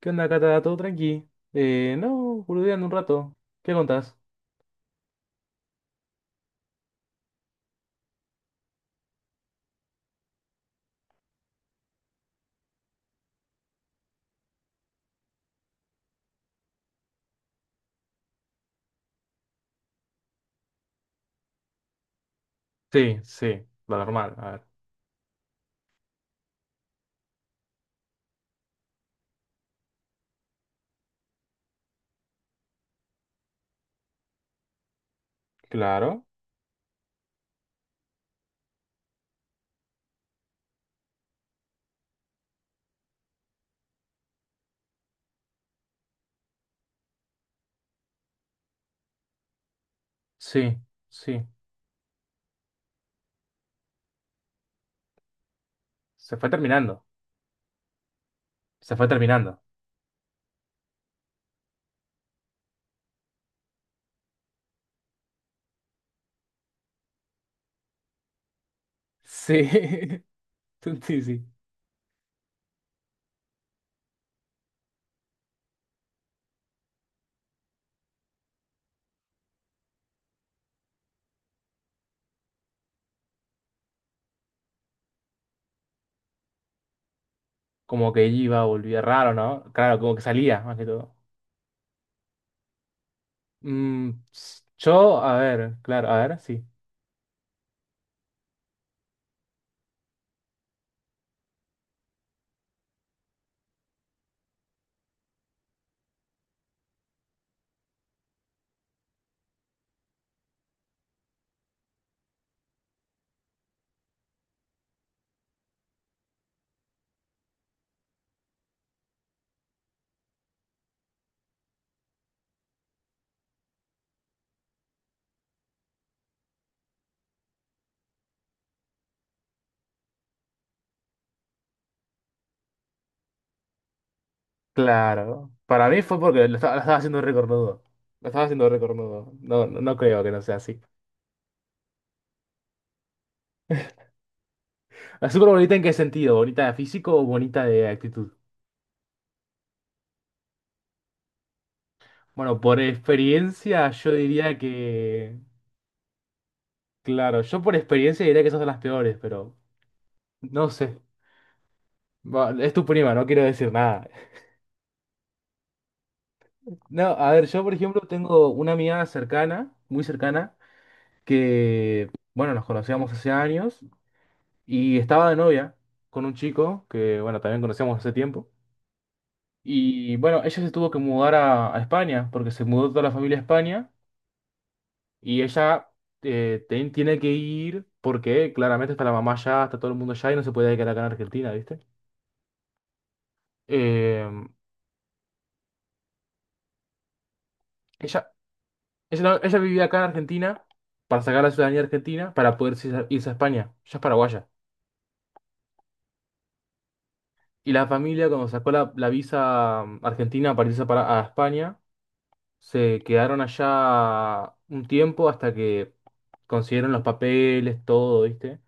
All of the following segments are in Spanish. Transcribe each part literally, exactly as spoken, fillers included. ¿Qué onda, Cata? ¿Todo tranqui? Eh, no, boludeando un rato. ¿Qué contás? Sí, sí, lo normal. A ver. Claro. Sí, sí. Se fue terminando. Se fue terminando. Sí, sí, sí. Como que iba, volvía raro, ¿no? Claro, como que salía, más que todo. Mm, s- yo, a ver, claro, a ver, sí. Claro. Para mí fue porque lo estaba, lo estaba haciendo recornudo. Lo estaba haciendo recornudo. No, no, no creo que no sea así. ¿La súper bonita en qué sentido? ¿Bonita de físico o bonita de actitud? Bueno, por experiencia yo diría que, claro, yo por experiencia diría que esas son las peores, pero no sé. Va, es tu prima, no quiero decir nada. No, a ver, yo por ejemplo tengo una amiga cercana, muy cercana, que, bueno, nos conocíamos hace años y estaba de novia con un chico que, bueno, también conocíamos hace tiempo. Y bueno, ella se tuvo que mudar a, a España porque se mudó toda la familia a España. Y ella eh, ten- tiene que ir porque claramente está la mamá allá, está todo el mundo allá y no se puede quedar acá en Argentina, ¿viste? Eh, ella, ella, no- Ella vivía acá en Argentina para sacar la ciudadanía argentina para poder irse a, irse a España. Ella es paraguaya. Y la familia, cuando sacó la, la visa mm, argentina para irse para, a España, se quedaron allá un tiempo hasta que consiguieron los papeles, todo, ¿viste?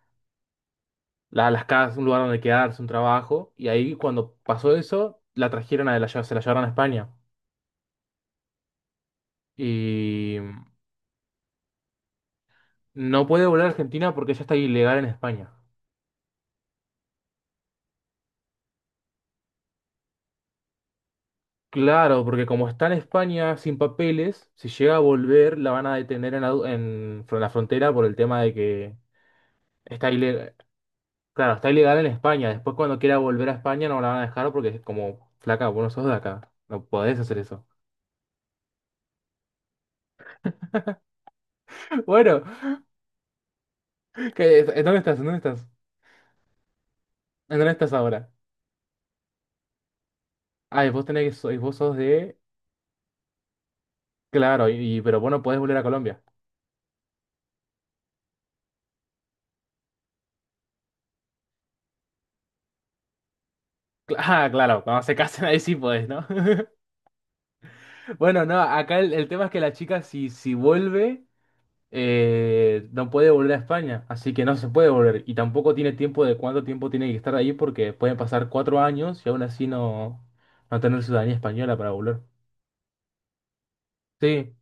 la- Las casas, un lugar donde quedarse, un trabajo. Y ahí cuando pasó eso, la trajeron a la, lle- se la llevaron a España. Y no puede volver a Argentina porque ya está ilegal en España. Claro, porque como está en España sin papeles, si llega a volver, la van a detener en, la du- en fr- la frontera por el tema de que está ilegal. Claro, está ilegal en España. Después cuando quiera volver a España no la van a dejar porque es como, flaca, vos no sos de acá. No podés hacer eso. Bueno, ¿qué- ¿dónde estás? ¿Dónde estás? ¿En ¿Dónde estás ahora? Ah, y vos tenés que, so- y vos sos de. Claro, y, y- pero vos no podés volver a Colombia. Cla- Ah, claro, cuando se casen ahí sí podés, ¿no? Bueno, no, acá el, el tema es que la chica si, si vuelve, eh, no puede volver a España, así que no se puede volver. Y tampoco tiene tiempo de cuánto tiempo tiene que estar ahí porque pueden pasar cuatro años y aún así no, no tener ciudadanía española para volver. Sí,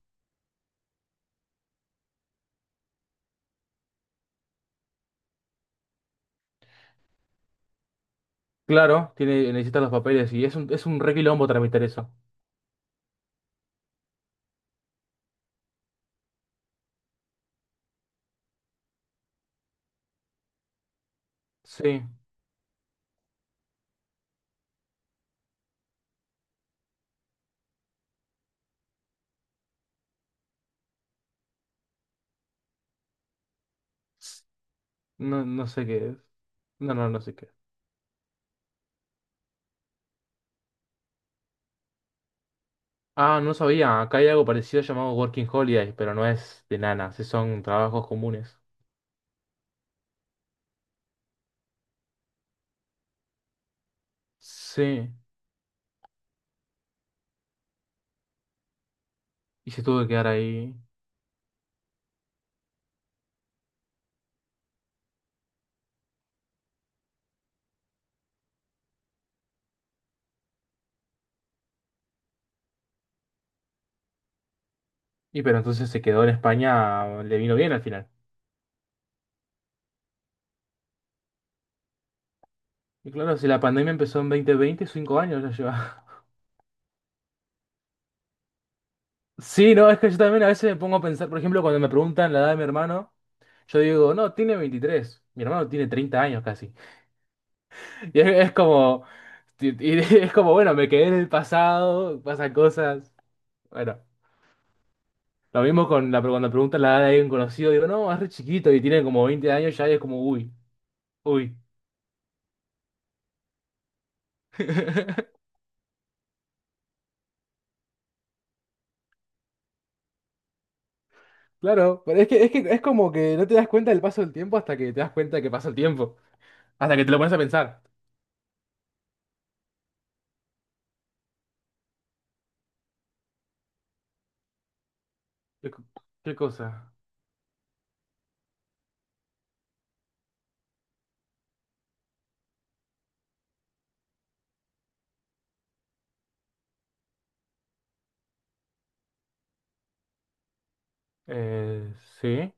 claro, tiene, necesita los papeles y es un, es un re quilombo tramitar eso. Sí, no, no sé qué es. No, no, no sé qué. Ah, no sabía. Acá hay algo parecido llamado Working Holiday, pero no es de nanas, sí son trabajos comunes. Sí, y se tuvo que quedar ahí. Y pero entonces se quedó en España, le vino bien al final. Y claro, si la pandemia empezó en dos mil veinte, cinco años ya lleva. Sí, no, es que yo también a veces me pongo a pensar, por ejemplo, cuando me preguntan la edad de mi hermano, yo digo, no, tiene veintitrés. Mi hermano tiene treinta años casi. Y es, es como, y es como, bueno, me quedé en el pasado, pasan cosas. Bueno. Lo mismo con la, cuando preguntas la edad de alguien conocido, digo, no, es re chiquito y tiene como veinte años, ya es como, uy, uy. Claro, pero es que, es que es como que no te das cuenta del paso del tiempo hasta que te das cuenta que pasa el tiempo, hasta que te lo pones a pensar. ¿Qué, co- ¿qué cosa? Eh, sí.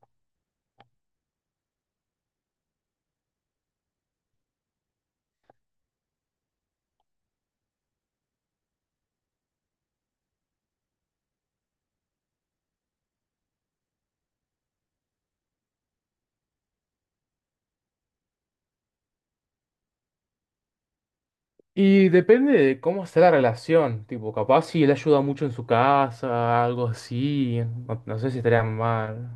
Y depende de cómo sea la relación, tipo, capaz si él ayuda mucho en su casa, algo así, no, no sé si estaría mal.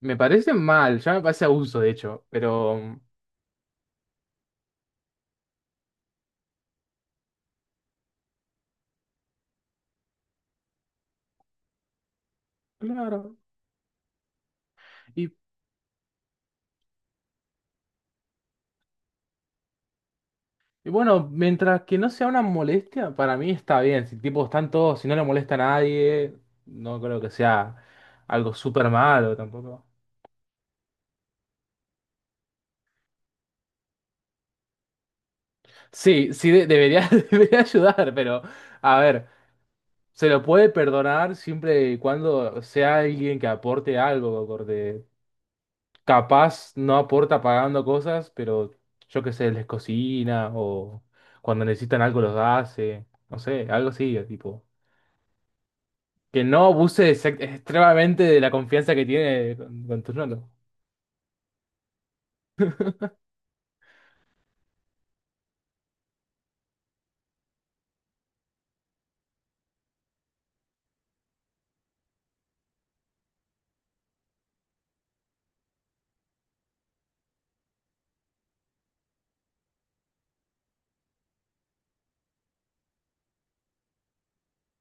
Me parece mal, ya me parece abuso, de hecho, pero... mm, Claro. Y bueno, mientras que no sea una molestia, para mí está bien. Si tipo están todos, si no le molesta a nadie, no creo que sea algo súper malo tampoco. Sí, sí, de- debería, debería ayudar, pero a ver, se lo puede perdonar siempre y cuando sea alguien que aporte algo, porque capaz no aporta pagando cosas, pero yo qué sé, les cocina o cuando necesitan algo los hace, no sé, algo así, tipo. Que no abuse ex- extremadamente de la confianza que tiene con, con tus notas.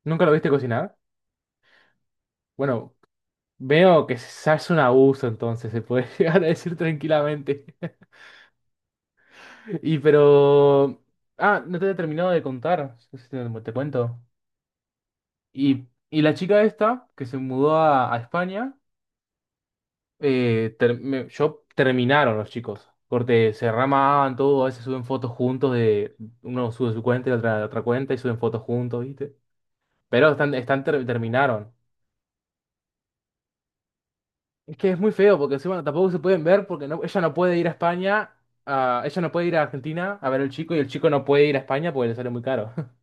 ¿Nunca lo viste cocinar? Bueno, veo que se hace un abuso entonces, se puede llegar a decir tranquilamente. Y pero... Ah, no te he terminado de contar, no sé si te, te cuento. Y, y la chica esta, que se mudó a, a España, eh, ter- me- yo terminaron los chicos. Corte, se ramaban todo, a veces suben fotos juntos de... Uno sube su cuenta y la otra, la otra cuenta y suben fotos juntos, ¿viste? Pero están, están ter- terminaron. Es que es muy feo porque encima tampoco se pueden ver porque no, ella no puede ir a España, ah, ella no puede ir a Argentina a ver al chico y el chico no puede ir a España porque le sale muy caro.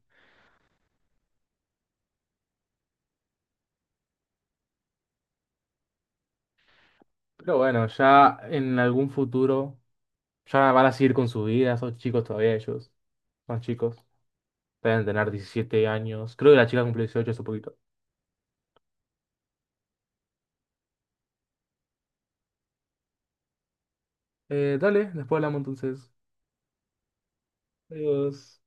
Pero bueno, ya en algún futuro ya van a seguir con su vida, son chicos todavía ellos, son chicos, deben tener diecisiete años. Creo que la chica cumplió dieciocho hace poquito. Eh, dale, después hablamos entonces. Adiós.